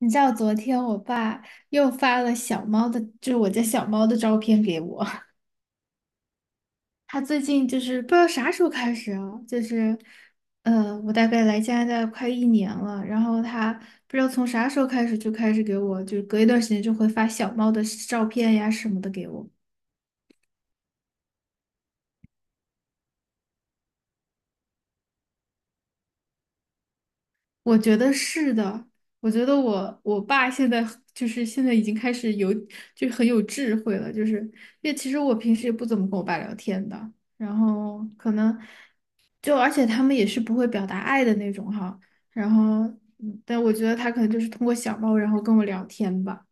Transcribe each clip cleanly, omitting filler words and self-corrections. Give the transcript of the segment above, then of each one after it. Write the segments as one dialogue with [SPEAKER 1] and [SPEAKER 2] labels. [SPEAKER 1] 你知道昨天我爸又发了小猫的，就是我家小猫的照片给我。他最近就是不知道啥时候开始啊，就是，我大概来加拿大快一年了，然后他不知道从啥时候开始就开始给我，就是隔一段时间就会发小猫的照片呀什么的给我。我觉得是的，我觉得我爸现在很就是现在已经开始有就很有智慧了，就是因为其实我平时也不怎么跟我爸聊天的，然后可能就而且他们也是不会表达爱的那种哈，然后但我觉得他可能就是通过小猫然后跟我聊天吧。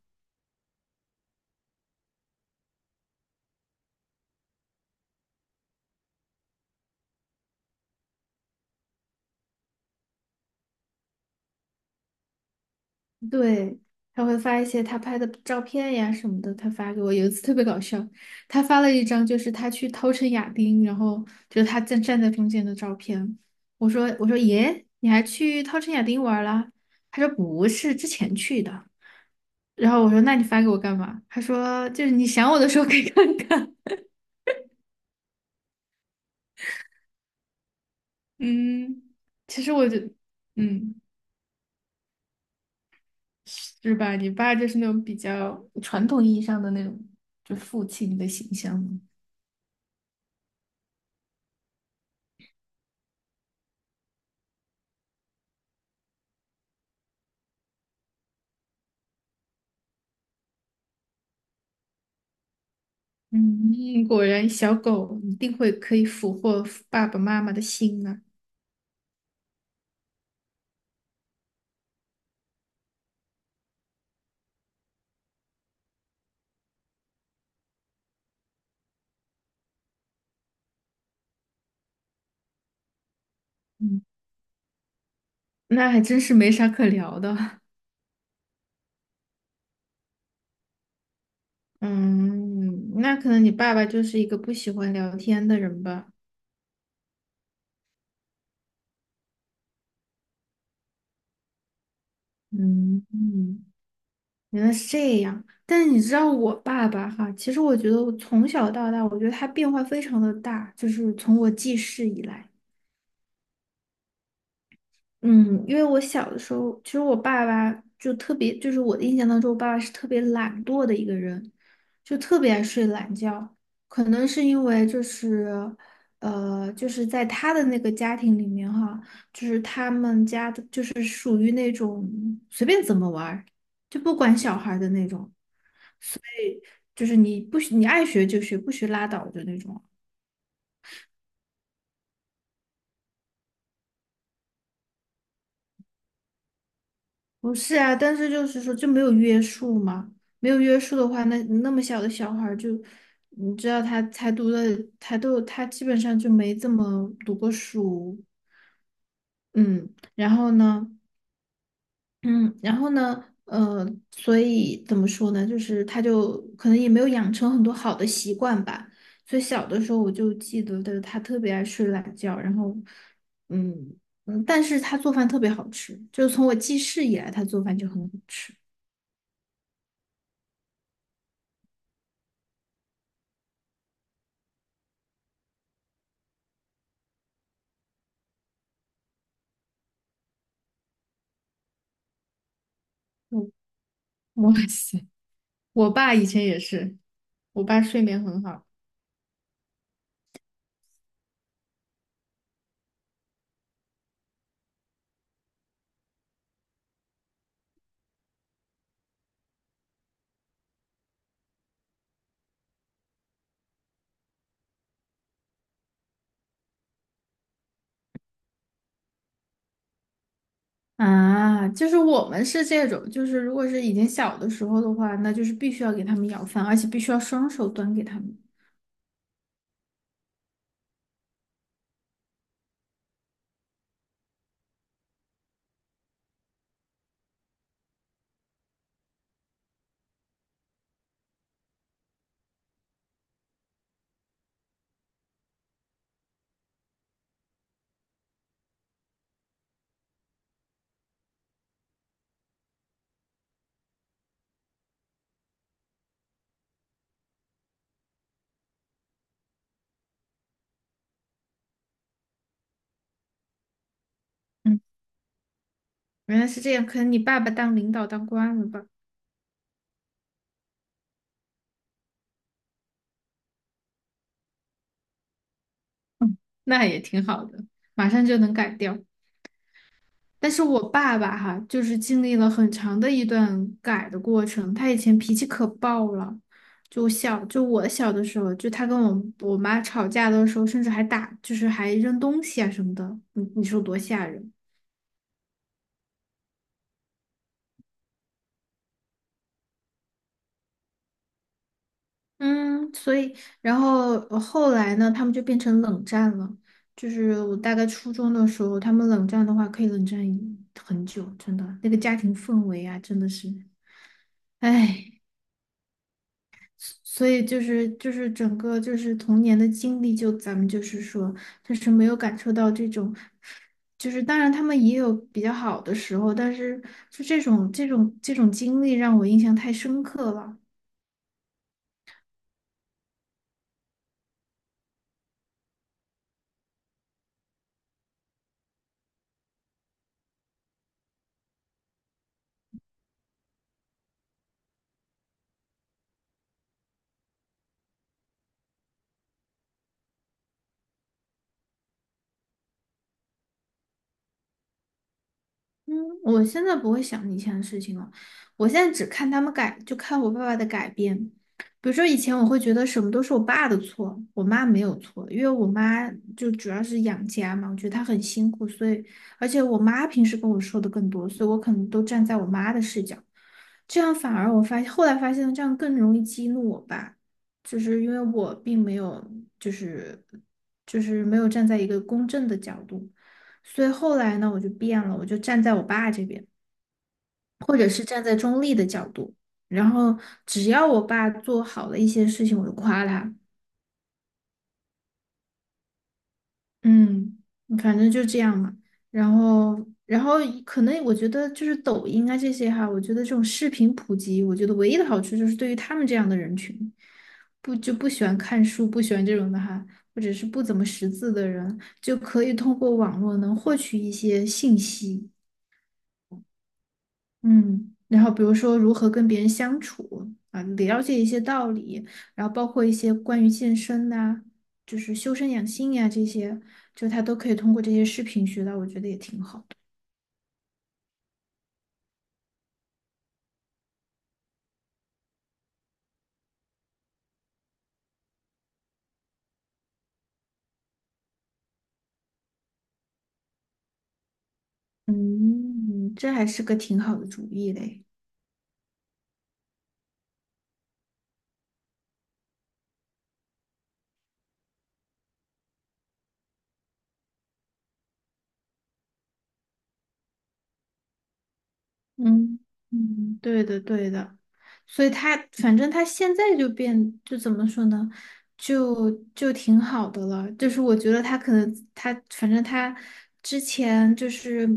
[SPEAKER 1] 对，他会发一些他拍的照片呀什么的，他发给我。有一次特别搞笑，他发了一张就是他去稻城亚丁，然后就是他站在中间的照片。我说耶，你还去稻城亚丁玩啦？他说不是，之前去的。然后我说那你发给我干嘛？他说就是你想我的时候可以看看。 嗯，其实我就嗯是吧？你爸就是那种比较传统意义上的那种，就父亲的形象嘛。嗯，果然小狗一定会可以俘获爸爸妈妈的心啊。嗯，那还真是没啥可聊的。嗯，那可能你爸爸就是一个不喜欢聊天的人吧。嗯嗯，原来是这样。但是你知道我爸爸哈，其实我觉得我从小到大，我觉得他变化非常的大，就是从我记事以来。嗯，因为我小的时候，其实我爸爸就特别，就是我的印象当中，我爸爸是特别懒惰的一个人，就特别爱睡懒觉。可能是因为就是，就是在他的那个家庭里面哈，就是他们家的就是属于那种随便怎么玩儿，就不管小孩儿的那种，就是你不许你爱学就学，不学拉倒的那种。不是啊，但是就是说就没有约束嘛，没有约束的话，那么小的小孩儿就，你知道他才读了，他基本上就没怎么读过书。嗯，然后呢，嗯，然后呢，所以怎么说呢，就是他就可能也没有养成很多好的习惯吧，所以小的时候我就记得的他特别爱睡懒觉，然后，嗯但是他做饭特别好吃，就是从我记事以来，他做饭就很好吃。嗯。 哇塞，我爸以前也是，我爸睡眠很好啊，就是我们是这种，就是如果是以前小的时候的话，那就是必须要给他们舀饭，而且必须要双手端给他们。嗯。原来是这样，可能你爸爸当领导当惯了吧？嗯，那也挺好的，马上就能改掉。但是我爸爸哈，就是经历了很长的一段改的过程。他以前脾气可爆了，就小就我小的时候，就他跟我妈吵架的时候，甚至还打，就是还扔东西啊什么的。你你说多吓人？嗯，所以然后后来呢，他们就变成冷战了。就是我大概初中的时候，他们冷战的话，可以冷战很久，真的那个家庭氛围啊，真的是，唉。所以就是就是整个就是童年的经历，就咱们就是说，就是没有感受到这种，就是当然他们也有比较好的时候，但是就这种经历让我印象太深刻了。嗯，我现在不会想以前的事情了，我现在只看他们改，就看我爸爸的改变。比如说以前我会觉得什么都是我爸的错，我妈没有错，因为我妈就主要是养家嘛，我觉得她很辛苦，所以而且我妈平时跟我说的更多，所以我可能都站在我妈的视角，这样反而我发现后来发现这样更容易激怒我爸，就是因为我并没有就是没有站在一个公正的角度。所以后来呢，我就变了，我就站在我爸这边，或者是站在中立的角度，然后只要我爸做好了一些事情，我就夸他。嗯，反正就这样嘛。然后，然后可能我觉得就是抖音啊这些哈，我觉得这种视频普及，我觉得唯一的好处就是对于他们这样的人群，不就不喜欢看书、不喜欢这种的哈，或者是不怎么识字的人，就可以通过网络能获取一些信息。嗯，然后比如说如何跟别人相处啊，了解一些道理，然后包括一些关于健身呐、就是修身养性呀、这些，就他都可以通过这些视频学到，我觉得也挺好的。嗯，这还是个挺好的主意嘞。嗯嗯，对的对的，所以他反正他现在就变，就怎么说呢，就挺好的了。就是我觉得他可能他反正他之前就是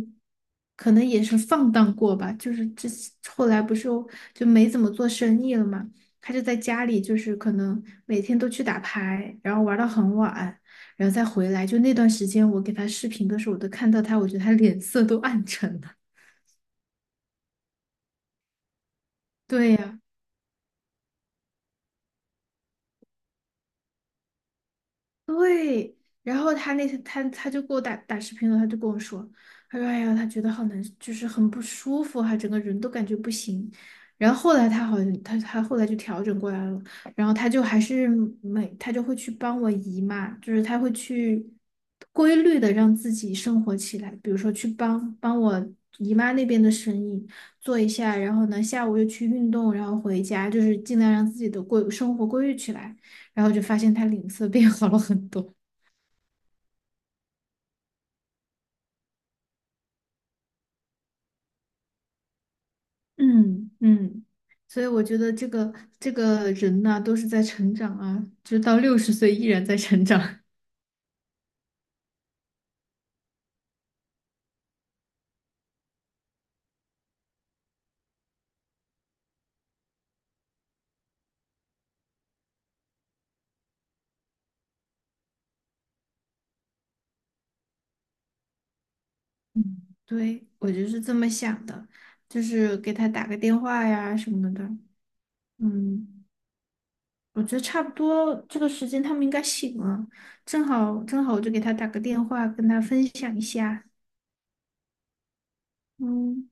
[SPEAKER 1] 可能也是放荡过吧，就是后来不是就没怎么做生意了嘛，他就在家里就是可能每天都去打牌，然后玩到很晚，然后再回来。就那段时间我给他视频的时候，我都看到他，我觉得他脸色都暗沉了。对呀。对，然后他那天他就给我打打视频了，他就跟我说，他说哎呀，他觉得好难，就是很不舒服啊，他整个人都感觉不行。然后后来他好像他后来就调整过来了，然后他就还是他就会去帮我姨妈，就是他会去规律的让自己生活起来，比如说去帮帮我姨妈那边的生意做一下，然后呢下午又去运动，然后回家，就是尽量让自己的生活规律起来。然后就发现他脸色变好了很多。嗯嗯，所以我觉得这个人呐、都是在成长啊，就到60岁依然在成长。嗯，对，我就是这么想的，就是给他打个电话呀什么的。嗯，我觉得差不多这个时间他们应该醒了，正好正好我就给他打个电话，跟他分享一下。嗯。